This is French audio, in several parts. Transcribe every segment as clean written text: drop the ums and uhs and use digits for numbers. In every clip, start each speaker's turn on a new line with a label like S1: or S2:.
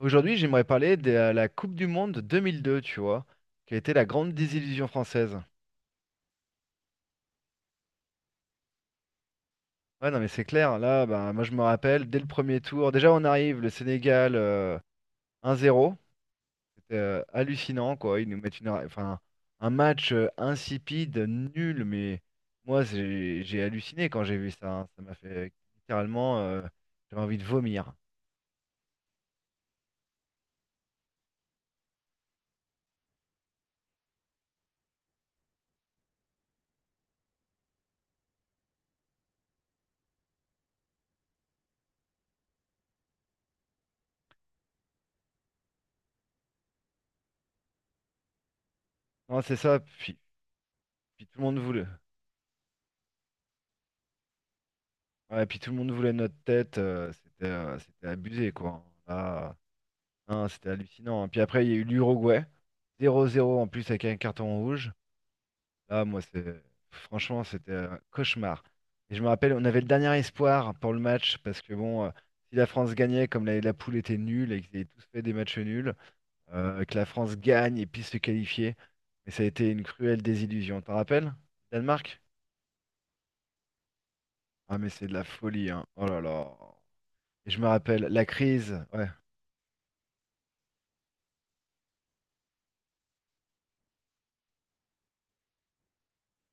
S1: Aujourd'hui, j'aimerais parler de la Coupe du Monde 2002, tu vois, qui a été la grande désillusion française. Ouais, non, mais c'est clair, là, bah, moi je me rappelle, dès le premier tour, déjà on arrive, le Sénégal 1-0, c'était hallucinant, quoi. Ils nous mettent une, enfin, un match insipide, nul, mais moi j'ai halluciné quand j'ai vu ça. Hein. Ça m'a fait littéralement, j'avais envie de vomir. Non, c'est ça. Puis tout le monde voulait. Ouais, puis tout le monde voulait notre tête. C'était, c'était abusé, quoi. Hein. Là, hein, c'était hallucinant. Hein. Puis après, il y a eu l'Uruguay. Zéro zéro en plus avec un carton rouge. Là, moi, c'est franchement, c'était un cauchemar. Et je me rappelle, on avait le dernier espoir pour le match parce que bon, si la France gagnait, comme la poule était nulle et qu'ils avaient tous fait des matchs nuls, que la France gagne et puisse se qualifier. Mais ça a été une cruelle désillusion. T'en rappelles? Danemark? Ah mais c'est de la folie, hein. Oh là là. Et je me rappelle, la crise, ouais.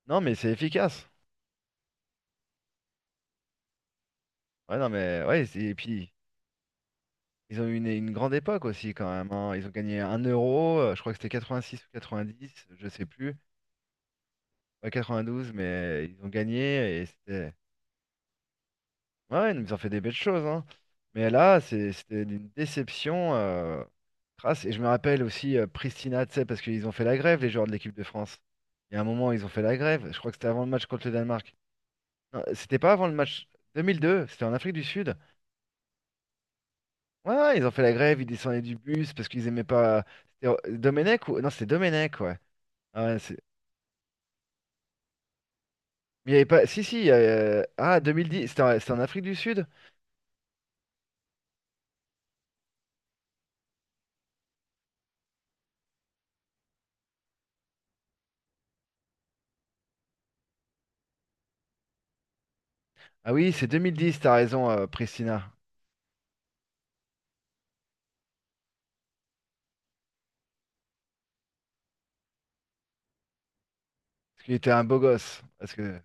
S1: Non mais c'est efficace. Ouais, non mais ouais, c'est- et puis ils ont eu une grande époque aussi quand même, hein. Ils ont gagné un euro, je crois que c'était 86 ou 90, je sais plus. Pas douze mais ils ont gagné et c'était. Ouais, ouais, ils ont fait des belles choses, hein. Mais là, c'est- c'était une déception. Crasse. Et je me rappelle aussi Pristina, tu sais, parce qu'ils ont fait la grève, les joueurs de l'équipe de France. Il y a un moment, ils ont fait la grève. Je crois que c'était avant le match contre le Danemark. Non, c'était pas avant le match 2002, c'était en Afrique du Sud. Ouais, ouais, ils ont fait la grève, ils descendaient du bus parce qu'ils aimaient pas. C'était Domenech ou. Non, c'était Domenech, ouais. Ah ouais, c'est- Mais il y avait pas. Si, si. Euh, ah, 2010, c'était en... c'était en Afrique du Sud? Ah oui, c'est 2010, t'as raison, Pristina. Parce qu'il était un beau gosse. Parce que...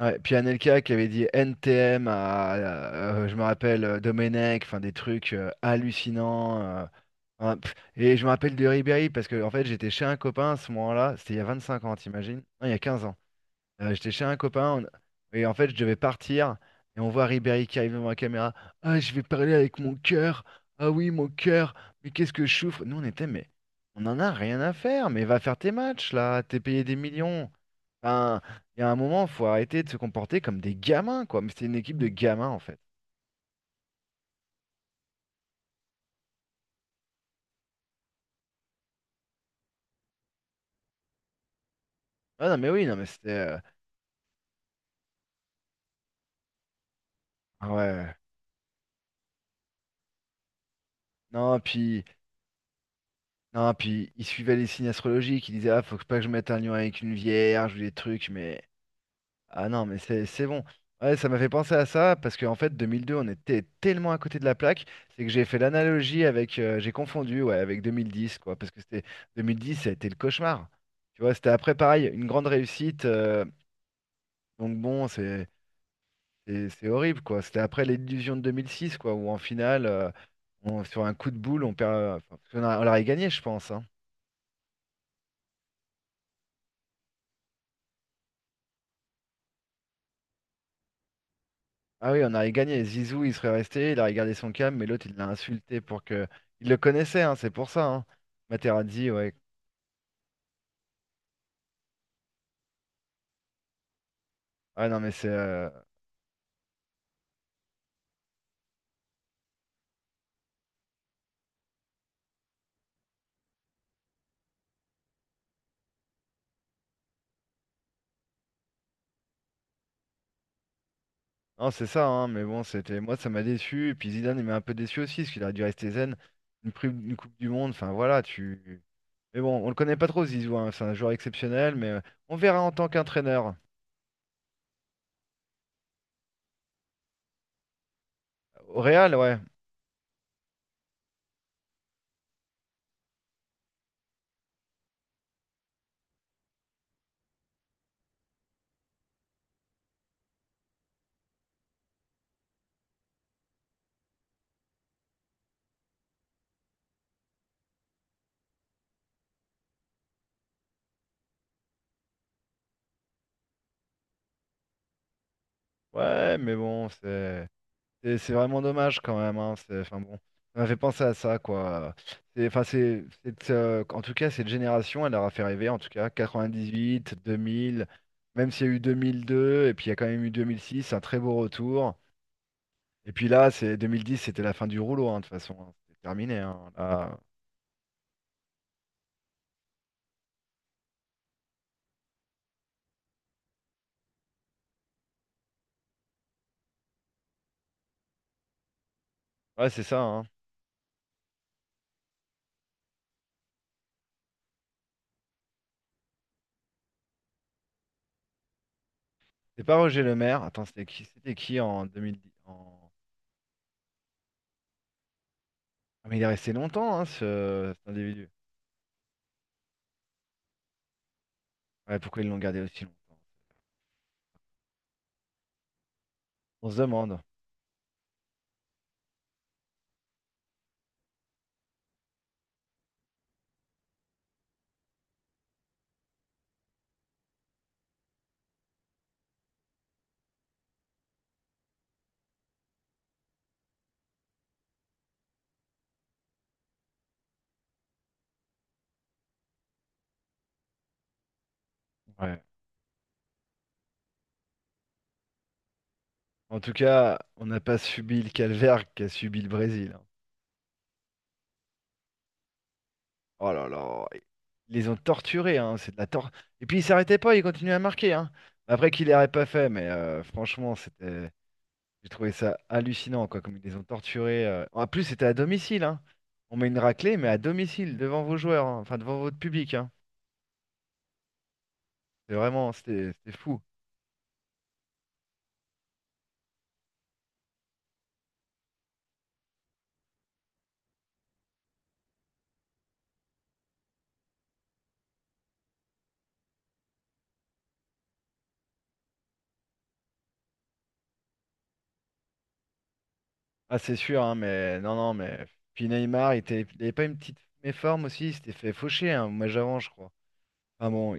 S1: Ouais, puis Anelka qui avait dit NTM à, je me rappelle, Domenech, enfin des trucs hallucinants. Hein, pff, et je me rappelle de Ribéry parce que en fait j'étais chez un copain à ce moment-là, c'était il y a 25 ans, t'imagines? Non, il y a 15 ans. J'étais chez un copain on- et en fait je devais partir et on voit Ribéry qui arrive devant la caméra. Ah, je vais parler avec mon cœur. Ah oui, mon cœur. Mais qu'est-ce que je souffre? Nous on était mais on en a rien à faire. Mais va faire tes matchs là. T'es payé des millions. Enfin, il y a un moment faut arrêter de se comporter comme des gamins quoi. Mais c'était une équipe de gamins en fait. Ah non mais oui non mais c'était ah ouais. Non puis non puis ils suivaient les signes astrologiques. Ils disaient ah faut pas que je mette un lion avec une vierge ou des trucs mais. Ah non, mais c'est bon. Ouais, ça m'a fait penser à ça parce qu'en fait, 2002, on était tellement à côté de la plaque, c'est que j'ai fait l'analogie avec, j'ai confondu, ouais, avec 2010, quoi, parce que c'était 2010, ça a été le cauchemar. Tu vois, c'était après pareil, une grande réussite. Donc bon, c'est horrible, quoi. C'était après l'illusion de 2006, quoi, où en finale, on- sur un coup de boule, on perd. Enfin, parce qu'on a- on l'aurait gagné, je pense. Hein. Ah oui, on aurait gagné. Zizou, il serait resté, il a regardé son cam. Mais l'autre, il l'a insulté pour que. Il le connaissait, hein, c'est pour ça. Hein. Materazzi, ouais. Ah non, mais c'est. Euh, non, c'est ça, hein, mais bon, c'était. Moi, ça m'a déçu. Et puis Zidane, il m'a un peu déçu aussi, parce qu'il aurait dû rester zen. Une, pri- une Coupe du Monde, enfin voilà, tu. Mais bon, on le connaît pas trop, Zizou, hein, c'est un joueur exceptionnel, mais on verra en tant qu'entraîneur. Au Real, ouais. Ouais, mais bon, c'est. Et c'est vraiment dommage quand même, hein. C'est, enfin bon, ça m'a fait penser à ça, quoi. C'est, enfin, en tout cas, cette génération, elle leur a fait rêver, en tout cas, 98, 2000, même s'il y a eu 2002, et puis il y a quand même eu 2006, un très beau retour. Et puis là, c'est 2010, c'était la fin du rouleau, hein, de toute façon. Hein. C'était terminé, hein. Là, ouais, c'est ça, hein. C'est pas Roger Le Maire. Attends, c'était qui en 2010, en... Ah, mais il est resté longtemps, hein, ce, cet individu. Ouais, pourquoi ils l'ont gardé aussi longtemps? On se demande. Ouais. En tout cas, on n'a pas subi le calvaire qu'a subi le Brésil. Hein. Oh là là, ils les ont torturés, hein, c'est de la tor- Et puis ils s'arrêtaient pas, ils continuaient à marquer. Hein. Après qu'ils l'auraient pas fait, mais franchement, c'était, j'ai trouvé ça hallucinant, quoi, comme ils les ont torturés. Euh. En plus, c'était à domicile, hein. On met une raclée, mais à domicile, devant vos joueurs, hein, enfin devant votre public, hein. C'est vraiment, c'était, c'était fou. Ah, c'est sûr, hein, mais non, non, mais puis Neymar, il était- il avait pas une petite méforme aussi, il s'était fait faucher un match avant, je crois. Ah bon,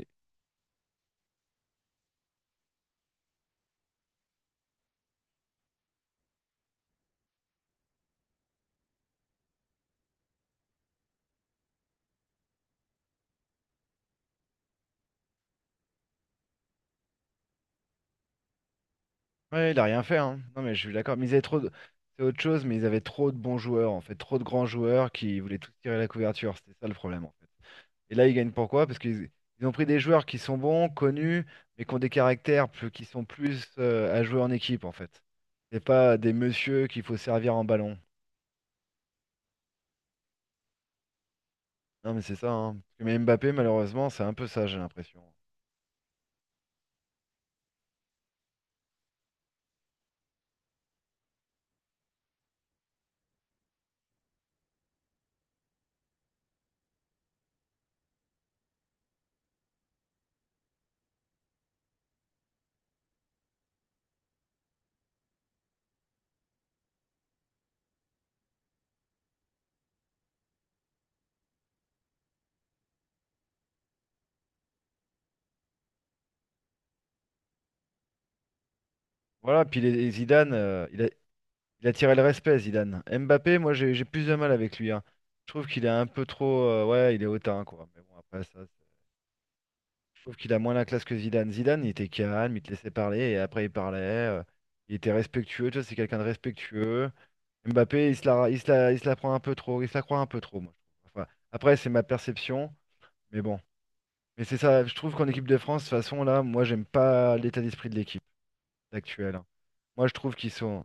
S1: ouais, il a rien fait, hein. Non, mais je suis d'accord. Mais ils avaient trop de... C'est autre chose, mais ils avaient trop de bons joueurs, en fait. Trop de grands joueurs qui voulaient tous tirer la couverture. C'était ça le problème, en fait. Et là, ils gagnent pourquoi? Parce qu'ils ils ont pris des joueurs qui sont bons, connus, mais qui ont des caractères plus... qui sont plus à jouer en équipe, en fait. C'est pas des messieurs qu'il faut servir en ballon. Non, mais c'est ça, hein. Mais Mbappé, malheureusement, c'est un peu ça, j'ai l'impression. Voilà, puis les Zidane, il a- Il a tiré le respect, Zidane. Mbappé, moi, j'ai plus de mal avec lui. Hein. Je trouve qu'il est un peu trop. Ouais, il est hautain, quoi. Mais bon, après ça, c'est- je trouve qu'il a moins la classe que Zidane. Zidane, il était calme, il te laissait parler et après, il parlait. Il était respectueux. Tu vois, c'est quelqu'un de respectueux. Mbappé, il se la, il se la, il se la prend un peu trop. Il se la croit un peu trop, moi. Je trouve. Enfin, après, c'est ma perception. Mais bon. Mais c'est ça. Je trouve qu'en équipe de France, de toute façon, là, moi, j'aime pas l'état d'esprit de l'équipe actuelle. Hein. Moi, je trouve qu'ils sont.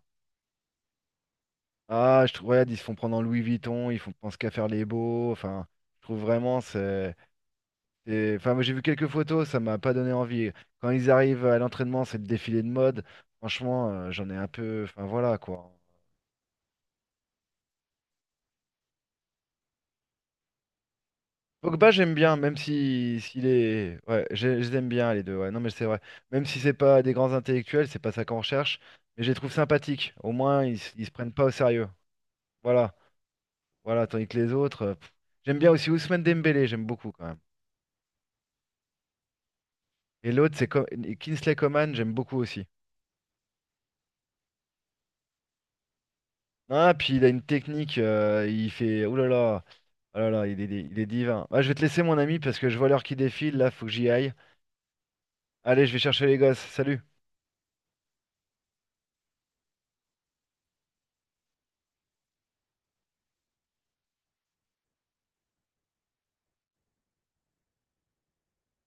S1: Ah, je trouve, regarde, ils se font prendre en Louis Vuitton, ils font pensent qu'à faire les beaux. Enfin, je trouve vraiment, c'est. C'est- enfin, moi j'ai vu quelques photos, ça m'a pas donné envie. Quand ils arrivent à l'entraînement, c'est le défilé de mode. Franchement, j'en ai un peu. Enfin, voilà quoi. Pogba, j'aime bien, même si s'il est. Ouais, je les aime bien les deux. Ouais, non, mais c'est vrai. Même si c'est pas des grands intellectuels, c'est pas ça qu'on recherche. Mais je les trouve sympathiques. Au moins, ils, s- ils se prennent pas au sérieux. Voilà, voilà. Tandis que les autres. Pff. J'aime bien aussi Ousmane Dembélé, j'aime beaucoup quand même. Et l'autre, c'est Co- Kingsley Coman, j'aime beaucoup aussi. Ah, puis il a une technique, il fait. Ouh là là, oh là là, il est divin. Ah, je vais te laisser, mon ami, parce que je vois l'heure qui défile, là, faut que j'y aille. Allez, je vais chercher les gosses, salut!